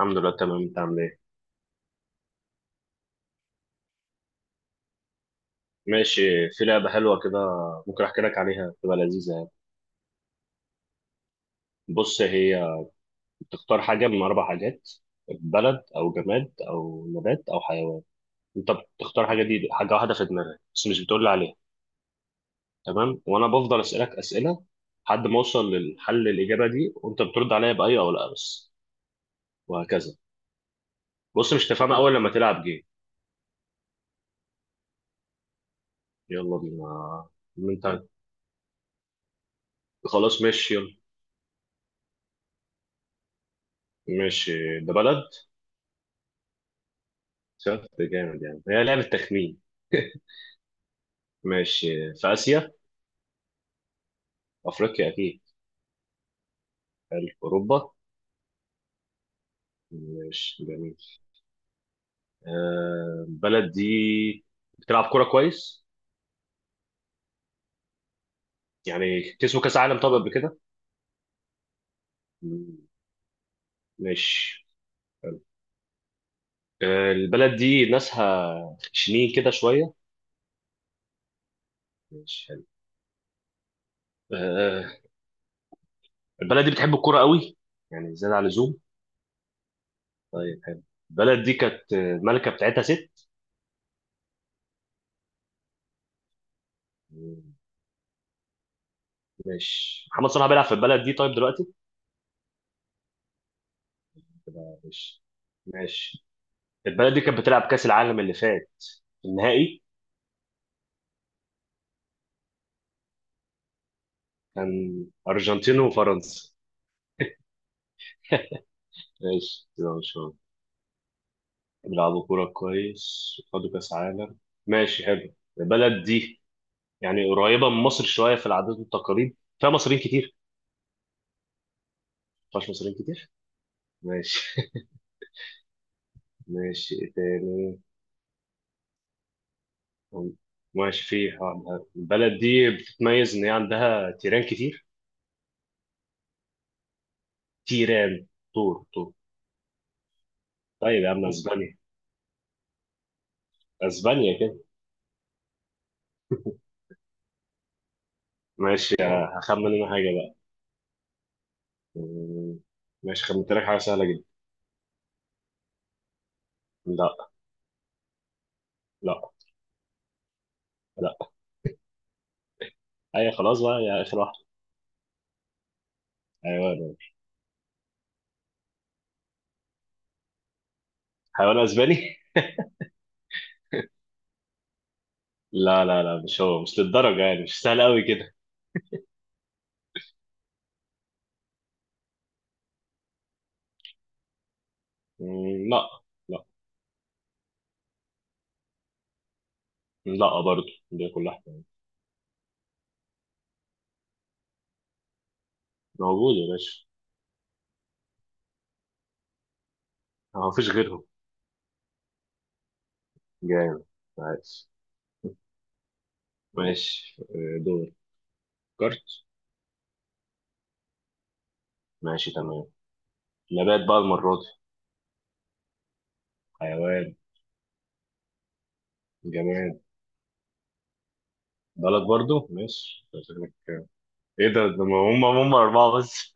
الحمد لله تمام، انت عامل ايه؟ ماشي. في لعبه حلوه كده. ممكن احكي لك عليها تبقى لذيذه يعني. بص، هي بتختار حاجه من اربع حاجات: بلد او جماد او نبات او حيوان. انت بتختار حاجه، دي حاجه واحده في دماغك بس مش بتقول لي عليها. تمام، وانا بفضل اسالك اسئله لحد ما اوصل للحل الاجابه دي، وانت بترد عليا باي او لا بس. وهكذا. بص، مش تفهمها اول لما تلعب جيم. يلا بينا. انت؟ خلاص ماشي يلا. ماشي. ده بلد. شفت جامد؟ يعني هي لعبه تخمين. ماشي، في آسيا؟ أفريقيا أكيد. حلو، أوروبا. ماشي جميل. البلد دي بتلعب كورة كويس. يعني كسبوا كأس عالم طب قبل كده؟ مم، ماشي حلو. البلد دي ناسها خشنين كده شوية. ماشي حلو. آه البلد دي بتحب الكورة قوي. يعني زيادة عن اللزوم. طيب حلو. البلد دي كانت الملكة بتاعتها ست. مم، ماشي. محمد صلاح بيلعب في البلد دي طيب دلوقتي؟ ماشي. ماشي. البلد دي كانت بتلعب كأس العالم اللي فات، النهائي؟ كان أرجنتين وفرنسا. ماشي كده إن شاء الله. بيلعبوا كورة كويس، خدوا كأس عالم. ماشي حلو. البلد دي يعني قريبة من مصر شوية في العادات والتقاليد، فيها مصريين كتير؟ مفيهاش مصريين كتير. ماشي. ماشي، إيه تاني. ماشي، في واحدة. البلد دي بتتميز إن هي عندها تيران كتير. تيران. طور طور. طيب يا عم، أسبانيا. أسبانيا كده. ماشي، هخمن أنا حاجة بقى. مم، ماشي، خمنت لك حاجة سهلة جدا. لا. لا. لا. اي خلاص بقى يا اخر واحد. حيوان. حيوان اسباني. لا لا لا، مش هو. مش للدرجه يعني، مش سهل قوي كده. لا. لا. لا برضه. دي كلها حيوان. موجود يا باشا. ما فيش غيرهم. جامد. عايز. ماشي دور كارت. ماشي تمام. نبات بقى المره دي. حيوان. جماد. بلد برضه، ماشي ايه ده هم اربعه بس.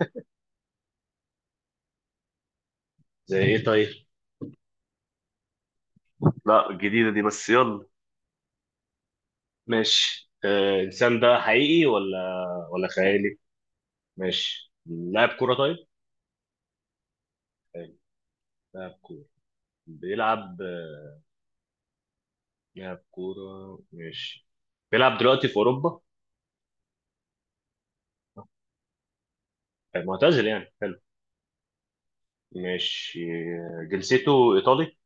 زي ايه طيب؟ لا، الجديده دي بس، يلا. ماشي الإنسان ده حقيقي ولا ولا خيالي؟ ماشي، لاعب كورة طيب؟ حلو. لاعب كورة. بيلعب آه، لاعب كورة ماشي. بيلعب دلوقتي في أوروبا؟ معتزل يعني؟ حلو. ماشي جنسيته إيطالي؟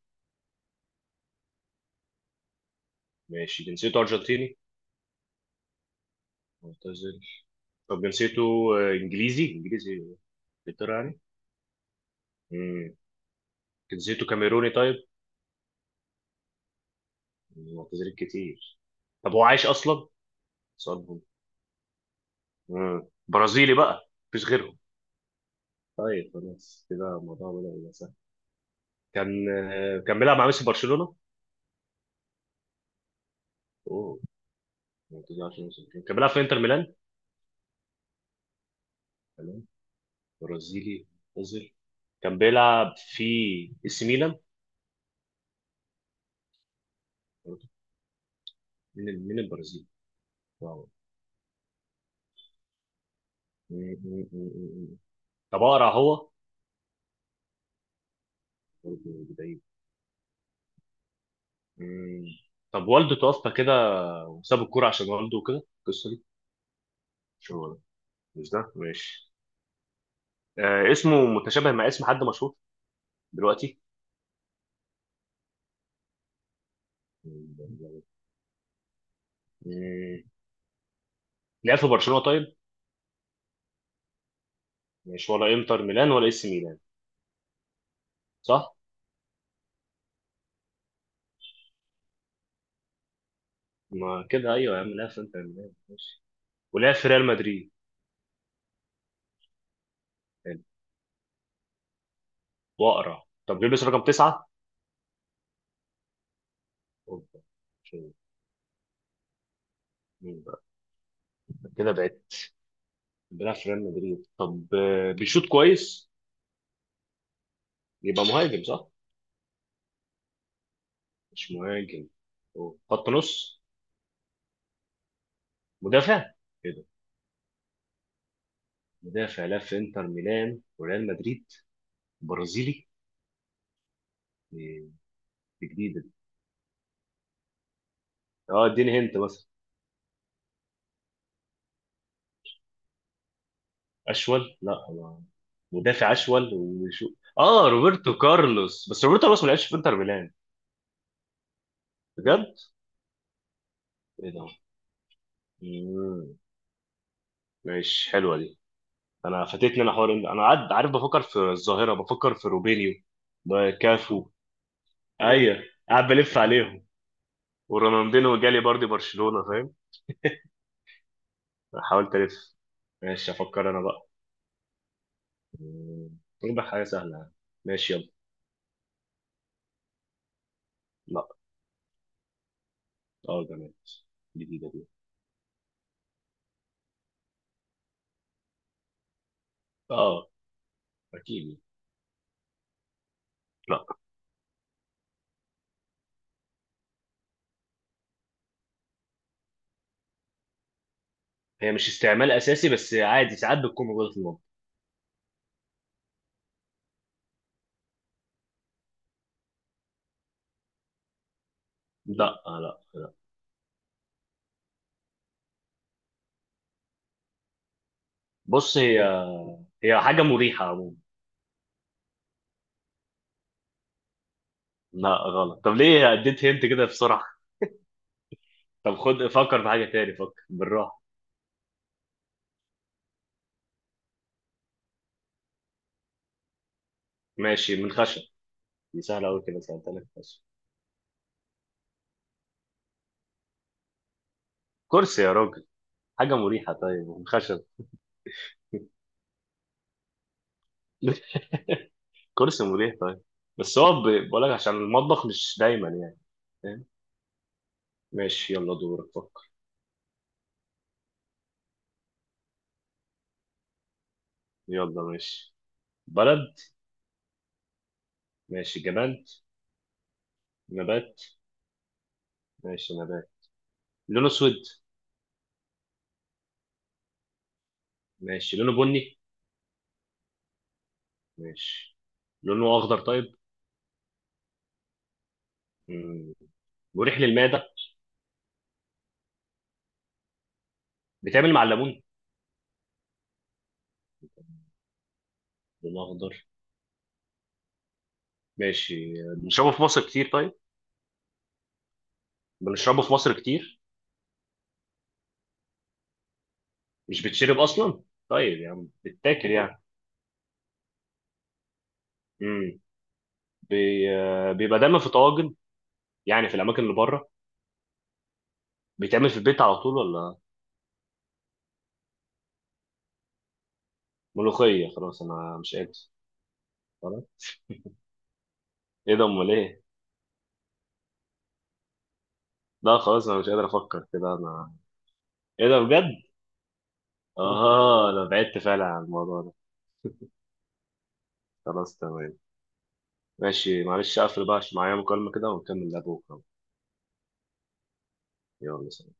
ماشي، جنسيته أرجنتيني. معتزل. طب جنسيته إنجليزي، إنجلترا يعني. مم. جنسيته كاميروني طيب؟ معتزلين كتير. طب هو عايش أصلا؟ سؤال مهم. برازيلي بقى، مفيش غيره. طيب خلاص كده الموضوع بدأ يبقى سهل. كان بيلعب مع ميسي في برشلونة. اوه. ما تزعلش من ميسي برشلونة. كان بيلعب في انتر ميلان. تمام. برازيلي مصري، كان بيلعب في اي سي ميلان برضه. مين مين البرازيلي؟ واو. م- م- م- م- م. طب اقرا هو. برضه بعيد. م. طب والده توفى كده، وساب الكوره عشان والده وكده القصه دي. مش هو ده. مش ده ماشي. آه، اسمه متشابه مع اسم حد مشهور دلوقتي. م. لعب في برشلونة طيب؟ مش ولا انتر ميلان ولا اي سي ميلان، صح؟ ما كده، ايوه يا عم، لعب في انتر ميلان ماشي، ولعب في ريال مدريد. حلو. واقرع طب، ليه بس رقم 9؟ أوبا. شو- مين بقى؟ كده بعت. بيلعب في ريال مدريد طب، بيشوط كويس. يبقى مهاجم صح؟ مش مهاجم. أوه. خط نص. مدافع كده. مدافع لعب في انتر ميلان وريال مدريد، برازيلي. إيه، دي جديدة دي. اه اديني هنت مثلا. اشول. لا، مدافع اشول وشو. اه، روبرتو كارلوس. بس روبرتو كارلوس ما لعبش في انتر ميلان. بجد؟ ايه ده. مم. ماشي حلوه دي. انا فاتتني. انا حوار انا قاعد عارف، بفكر في الظاهره، بفكر في روبينيو، كافو. ايوه. قاعد بلف عليهم. ورونالدينو جالي برضه برشلونه، فاهم. حاولت الف. ماشي افكر انا بقى. نجيب حاجه سهله يعني. ماشي يلا. لا. اه جميل. جديده دي. اه. اكيد. لا. هي مش استعمال اساسي، بس عادي ساعات بتكون موجوده في المطبخ. لا لا لا. بص هي، هي حاجه مريحه عموما. لا غلط. طب ليه اديت هنت كده بسرعه؟ طب خد، فكر في حاجه تاني. فكر بالراحه. ماشي، من خشب. دي سهله قوي كده، سالتها لك خشب. كرسي يا راجل. حاجه مريحه طيب من خشب. كرسي مريح طيب. بقول لك عشان المطبخ مش دايما يعني، فاهم. ماشي يلا، دورك فكر. يلا ماشي. بلد. ماشي جماد. نبات. ماشي نبات. لونه اسود. ماشي لونه بني. ماشي. لونه اخضر طيب. مم. مريح للمعده. بيتعمل مع الليمون. لونه اخضر. ماشي بنشربه في مصر كتير طيب. بنشربه في مصر كتير. مش بتشرب اصلا. طيب يعني بتتاكل يعني. مم. بي... آه، بيبقى دايما في طواجن. يعني في الاماكن اللي بره. بيتعمل في البيت على طول ولا. ملوخيه خلاص، انا مش قادر. خلاص. ايه ده، امال ايه. لا خلاص، انا مش قادر افكر كده انا. ايه ده بجد. اه، انا بعدت فعلا عن الموضوع ده. خلاص تمام. ماشي معلش، اقفل بقى عشان معايا مكالمة كده ونكمل لها بكرة. يلا.